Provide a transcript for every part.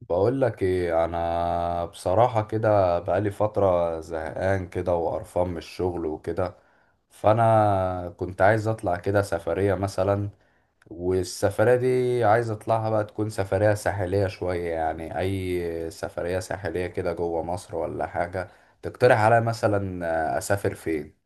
بقول لك ايه. انا بصراحة كده بقالي فترة زهقان كده وقرفان من الشغل وكده، فانا كنت عايز اطلع كده سفرية مثلا. والسفرية دي عايز اطلعها بقى تكون سفرية ساحلية شوية، يعني اي سفرية ساحلية كده جوه مصر ولا حاجة. تقترح عليا مثلا اسافر فين؟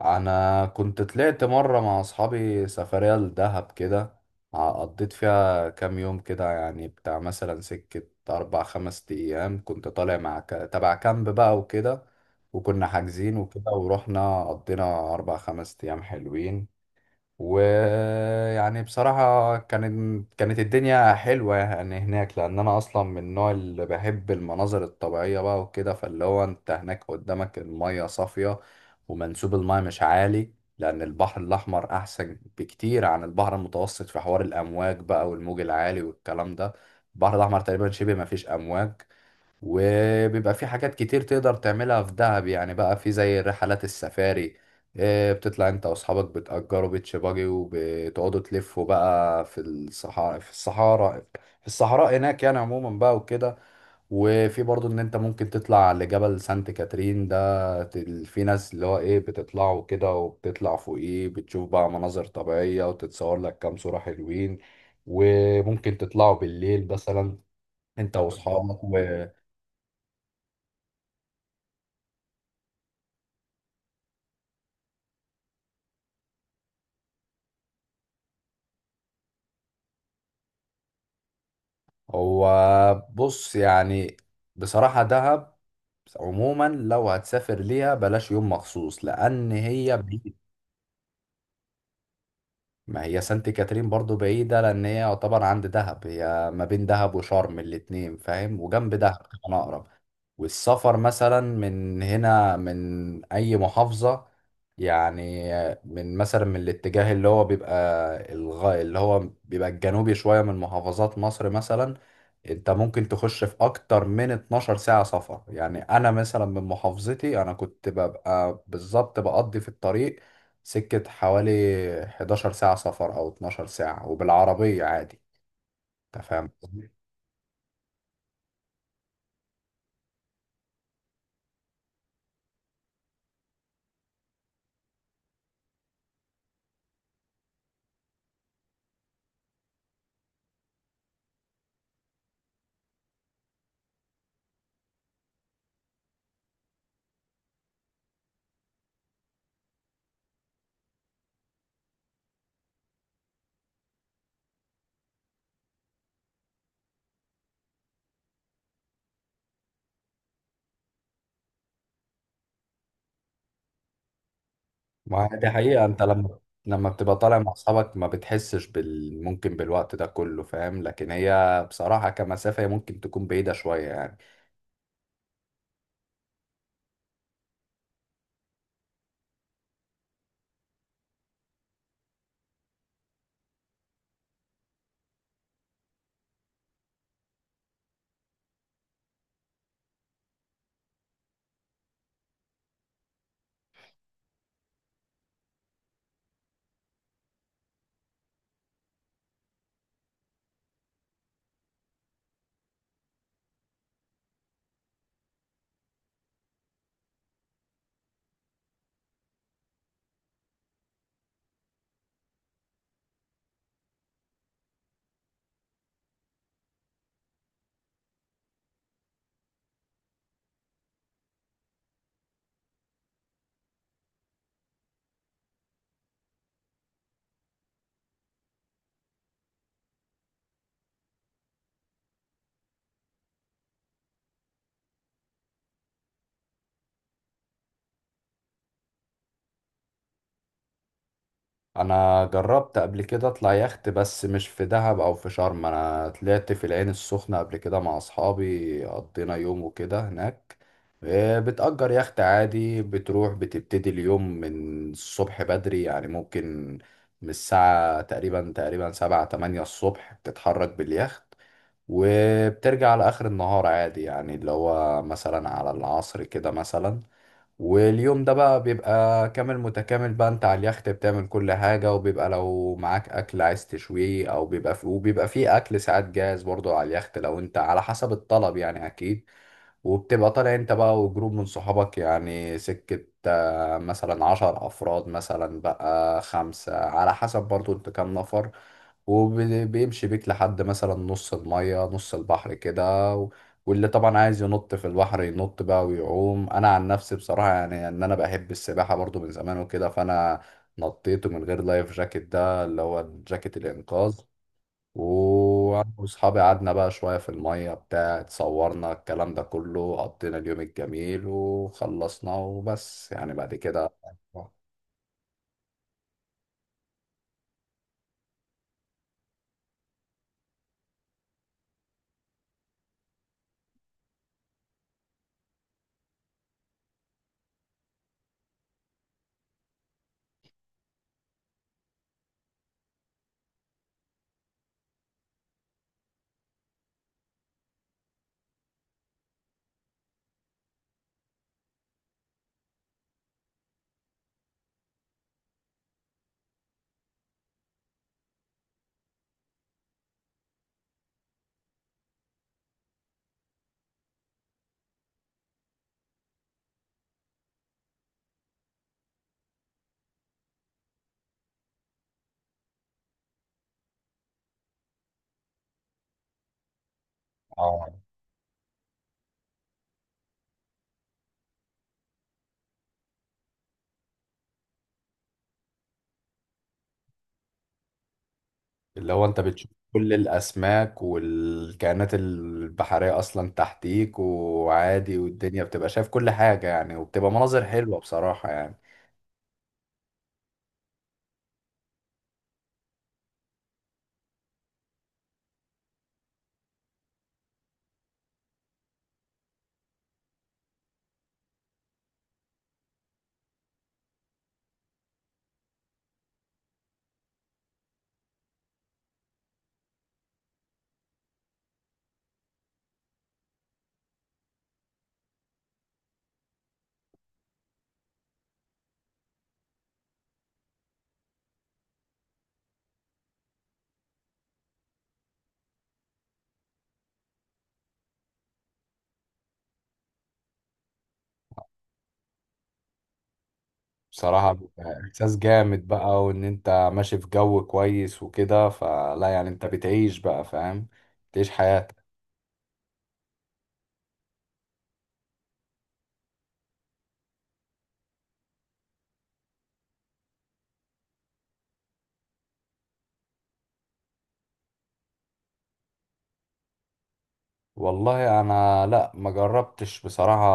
انا كنت طلعت مره مع اصحابي سفريه لدهب كده. قضيت فيها كام يوم كده، يعني بتاع مثلا سكه اربع خمس ايام. كنت طالع مع تبع كامب بقى وكده، وكنا حاجزين وكده، ورحنا قضينا اربع خمس ايام حلوين. ويعني بصراحة كانت الدنيا حلوة يعني هناك، لأن أنا أصلا من النوع اللي بحب المناظر الطبيعية بقى وكده. فاللي هو أنت هناك قدامك المية صافية ومنسوب المية مش عالي، لأن البحر الأحمر أحسن بكتير عن البحر المتوسط في حوار الأمواج بقى والموج العالي والكلام ده. البحر الأحمر تقريبا شبه مفيش أمواج. وبيبقى في حاجات كتير تقدر تعملها في دهب، يعني بقى في زي رحلات السفاري. بتطلع انت واصحابك بتأجروا بيتش باجي وبتقعدوا تلفوا بقى في الصحراء، هناك يعني عموما بقى وكده. وفي برضو ان انت ممكن تطلع لجبل سانت كاترين ده. في ناس اللي هو ايه بتطلعوا كده، وبتطلع فوقيه بتشوف بقى مناظر طبيعية وتتصور لك كام صورة حلوين. وممكن تطلعوا بالليل مثلا انت الله واصحابك. هو بص يعني، بصراحة دهب عموما لو هتسافر ليها بلاش يوم مخصوص لأن هي بعيدة. ما هي سانت كاترين برضو بعيدة، لأن هي يعتبر عند دهب، هي ما بين دهب وشرم الاتنين فاهم، وجنب دهب كمان أقرب. والسفر مثلا من هنا من أي محافظة، يعني من مثلا من الاتجاه اللي هو بيبقى اللي هو بيبقى الجنوبي شوية من محافظات مصر مثلا، انت ممكن تخش في اكتر من 12 ساعة سفر. يعني انا مثلا من محافظتي انا كنت ببقى بالظبط بقضي في الطريق سكة حوالي 11 ساعة سفر أو 12 ساعة، وبالعربية عادي. أنت فاهم قصدي؟ ما هي دي حقيقة. أنت لما لما بتبقى طالع مع أصحابك ما بتحسش ممكن بالوقت ده كله فاهم، لكن هي بصراحة كمسافة هي ممكن تكون بعيدة شوية يعني. انا جربت قبل كده اطلع يخت، بس مش في دهب او في شرم. انا طلعت في العين السخنة قبل كده مع اصحابي، قضينا يوم وكده هناك. إيه، بتأجر يخت عادي، بتروح بتبتدي اليوم من الصبح بدري، يعني ممكن من الساعة تقريبا سبعة تمانية الصبح بتتحرك باليخت، وبترجع على آخر النهار عادي، يعني اللي هو مثلا على العصر كده مثلا. واليوم ده بقى بيبقى كامل متكامل بقى، انت على اليخت بتعمل كل حاجة، وبيبقى لو معاك أكل عايز تشويه، أو بيبقى في وبيبقى فيه أكل ساعات جاهز برضه على اليخت، لو انت على حسب الطلب يعني أكيد. وبتبقى طالع انت بقى وجروب من صحابك، يعني سكة مثلا عشر أفراد مثلا بقى، خمسة، على حسب برضه انت كام نفر. وبيمشي بيك لحد مثلا نص المية نص البحر كده، واللي طبعا عايز ينط في البحر ينط بقى ويعوم. انا عن نفسي بصراحه يعني ان انا بحب السباحه برضو من زمان وكده، فانا نطيت من غير لايف جاكيت ده اللي هو جاكيت الانقاذ. وانا واصحابي قعدنا بقى شويه في الميه بتاع، اتصورنا الكلام ده كله، قضينا اليوم الجميل وخلصنا وبس يعني بعد كده. اه، اللي هو انت بتشوف كل الاسماك والكائنات البحرية اصلا تحتيك وعادي، والدنيا بتبقى شايف كل حاجة يعني، وبتبقى مناظر حلوة بصراحة يعني. بصراحة بيبقى احساس جامد بقى، وان انت ماشي في جو كويس وكده، فلا يعني انت بتعيش بقى فاهم، بتعيش حياتك. والله انا لا ما جربتش بصراحة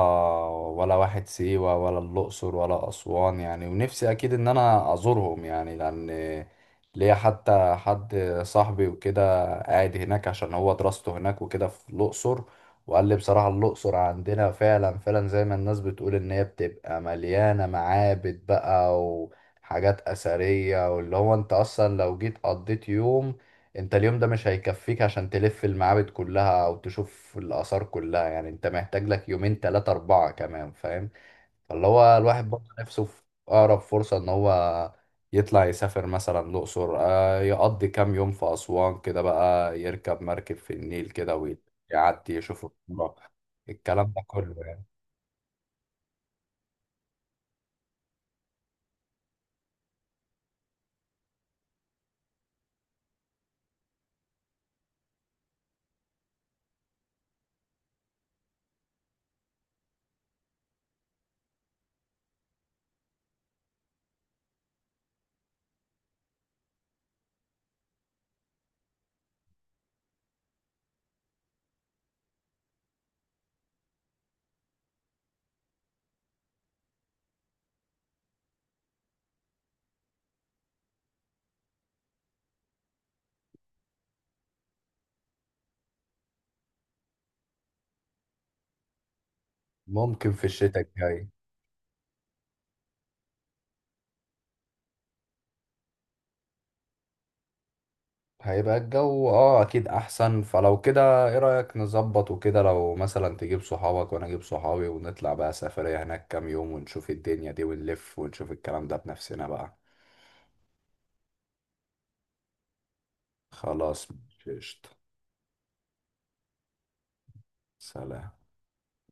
ولا واحد سيوة ولا الأقصر ولا أسوان يعني. ونفسي اكيد ان انا ازورهم يعني، لان ليا حتى حد صاحبي وكده قاعد هناك عشان هو دراسته هناك وكده في الأقصر، وقال لي بصراحة الأقصر عندنا فعلا زي ما الناس بتقول ان هي بتبقى مليانة معابد بقى وحاجات أثرية. واللي هو انت اصلا لو جيت قضيت يوم، انت اليوم ده مش هيكفيك عشان تلف المعابد كلها او تشوف الاثار كلها، يعني انت محتاج لك يومين تلاتة اربعة كمان فاهم. فاللي هو الواحد برضه نفسه في اقرب فرصة ان هو يطلع يسافر مثلا الاقصر، يقضي كام يوم في اسوان كده بقى، يركب مركب في النيل كده ويعدي يشوف الكرة، الكلام ده كله يعني. ممكن في الشتاء الجاي هيبقى الجو اه اكيد احسن. فلو كده ايه رأيك نظبط وكده، لو مثلا تجيب صحابك وانا اجيب صحابي، ونطلع بقى سفرية هناك كام يوم، ونشوف الدنيا دي ونلف ونشوف الكلام ده بنفسنا بقى. خلاص ماشي، قشطة. سلام.